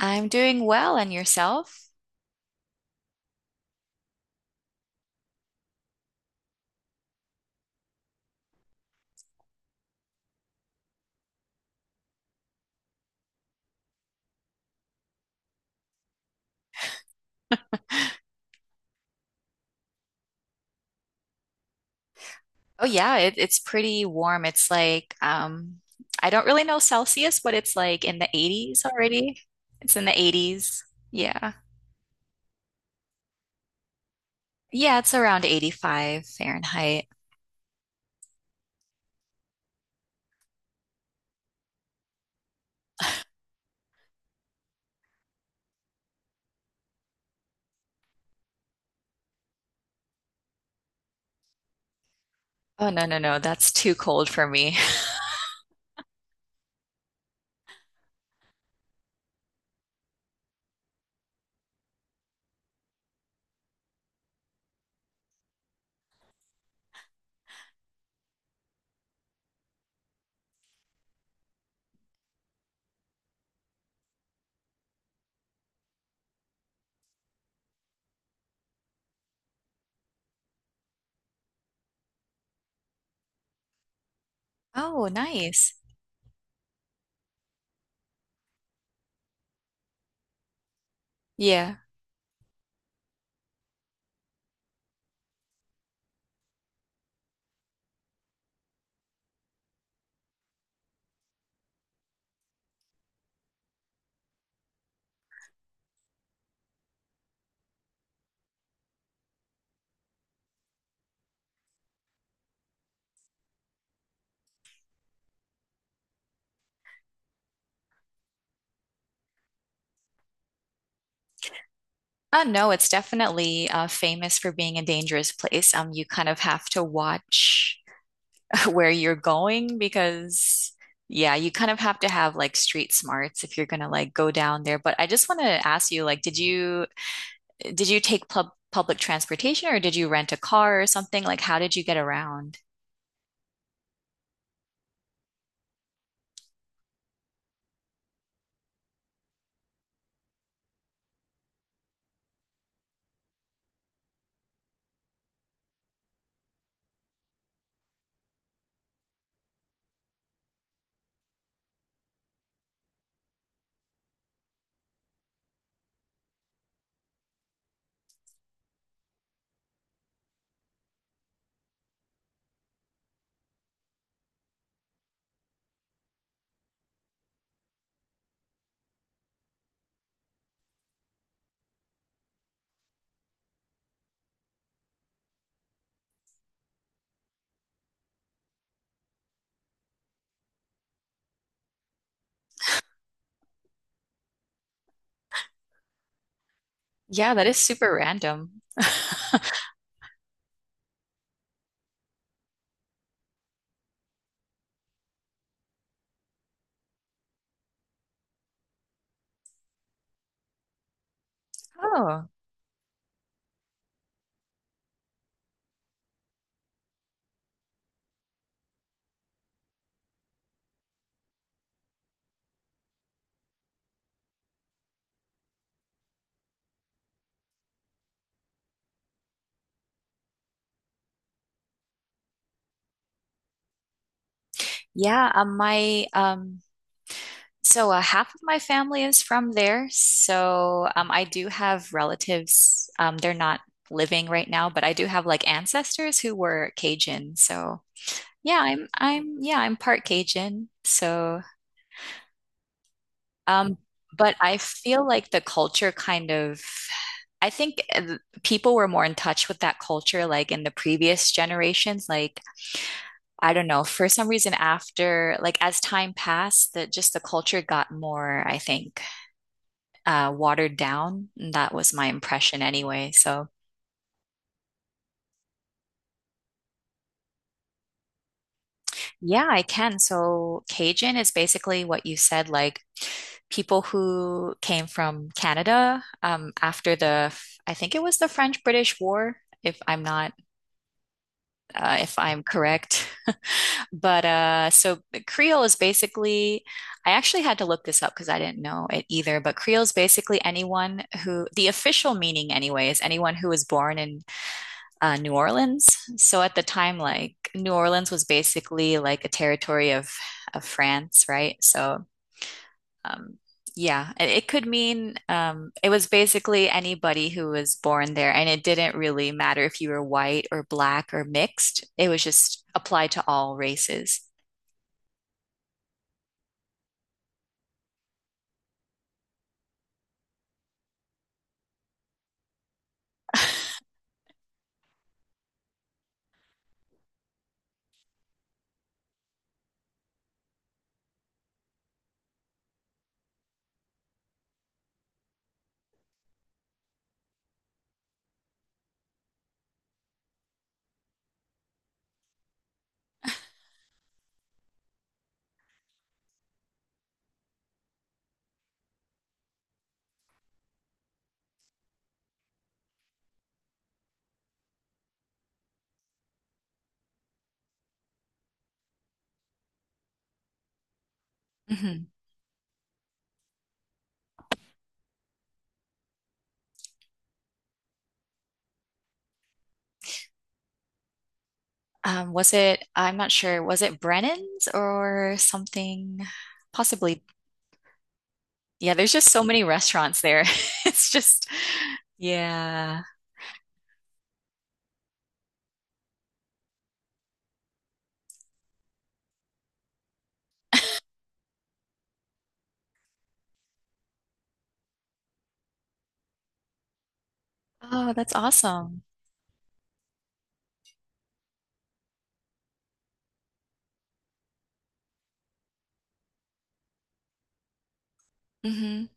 I'm doing well, and yourself? Oh yeah, it's pretty warm. It's like I don't really know Celsius, but it's like in the 80s already. It's in the 80s. Yeah. Yeah, it's around 85 Fahrenheit. Oh no, no, no, that's too cold for me. Oh, nice. Yeah. Oh no, it's definitely famous for being a dangerous place. You kind of have to watch like where you're going, because yeah, you kind of have to have like street smarts if you're gonna like go down there. But I just want to ask you, like, did you take public transportation, or did you rent a car or something? Like, how did you get around? Yeah, that is super random. Oh, yeah. My so Half of my family is from there. So I do have relatives. They're not living right now, but I do have like ancestors who were Cajun. So. Yeah, I'm yeah, I'm part Cajun. So, um, but I feel like the culture kind of, I think people were more in touch with that culture like in the previous generations. Like, I don't know, for some reason after like as time passed, that just the culture got more, I think, watered down. That was my impression anyway. So yeah, I can. So Cajun is basically what you said, like people who came from Canada after the, I think it was the French-British War, if I'm not, if I'm correct. But so Creole is basically, I actually had to look this up because I didn't know it either. But Creole is basically anyone who, the official meaning anyway, is anyone who was born in New Orleans. So at the time, like New Orleans was basically like a territory of France, right? So um, yeah, it could mean it was basically anybody who was born there, and it didn't really matter if you were white or black or mixed. It was just applied to all races. Hmm. Was it? I'm not sure. Was it Brennan's or something? Possibly. Yeah, there's just so many restaurants there. It's just, yeah. Oh, that's awesome. Hmm.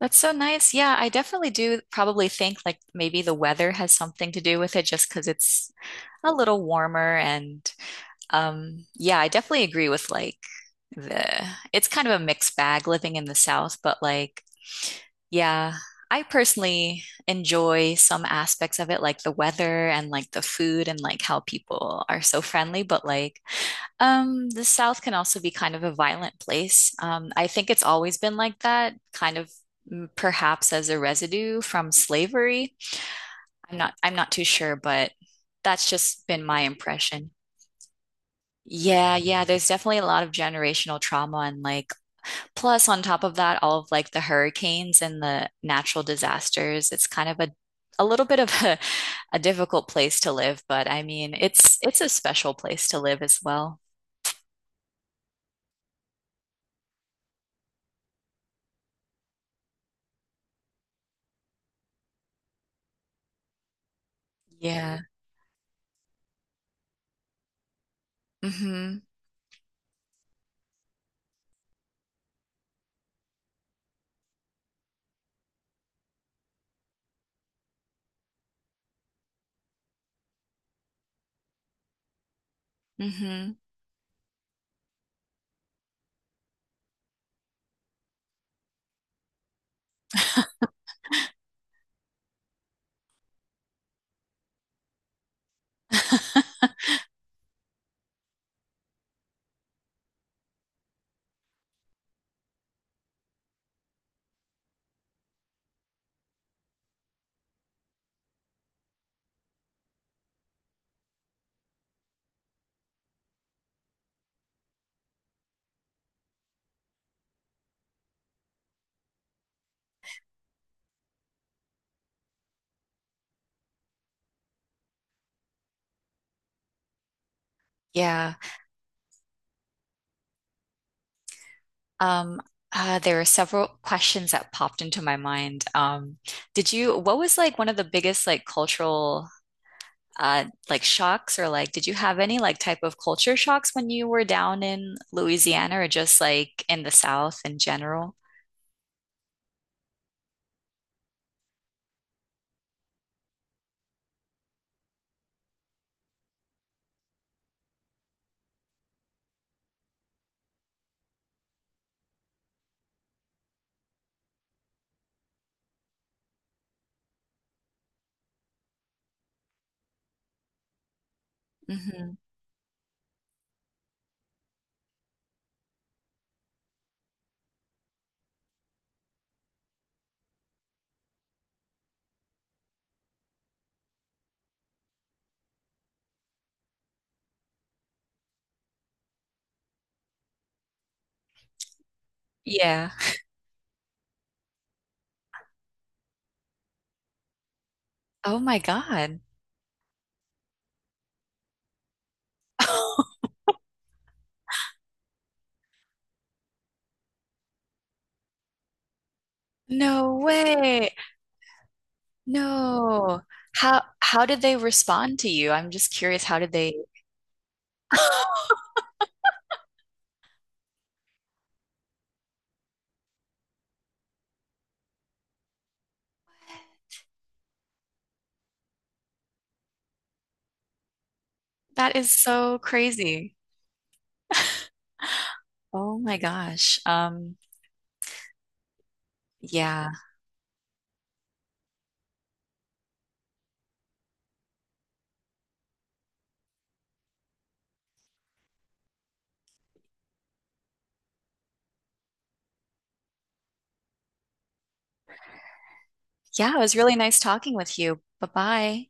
That's so nice. Yeah, I definitely do probably think like maybe the weather has something to do with it, just because it's a little warmer. And yeah, I definitely agree with like the it's kind of a mixed bag living in the South, but like yeah, I personally enjoy some aspects of it, like the weather and like the food and like how people are so friendly. But like, the South can also be kind of a violent place. I think it's always been like that, kind of mm, perhaps as a residue from slavery. I'm not too sure, but that's just been my impression. Yeah, yeah, there's definitely a lot of generational trauma and like plus, on top of that, all of like the hurricanes and the natural disasters, it's kind of a little bit of a difficult place to live, but I mean, it's a special place to live as well. Yeah. Hmm. Hmm. Yeah. Um, there were several questions that popped into my mind. What was like one of the biggest like cultural like shocks, or like did you have any like type of culture shocks when you were down in Louisiana, or just like in the South in general? Hmm. Yeah. Oh my God. No way. No. How did they respond to you? I'm just curious, how did they that is so crazy. Oh my gosh. Yeah. Yeah, it was really nice talking with you. Bye-bye.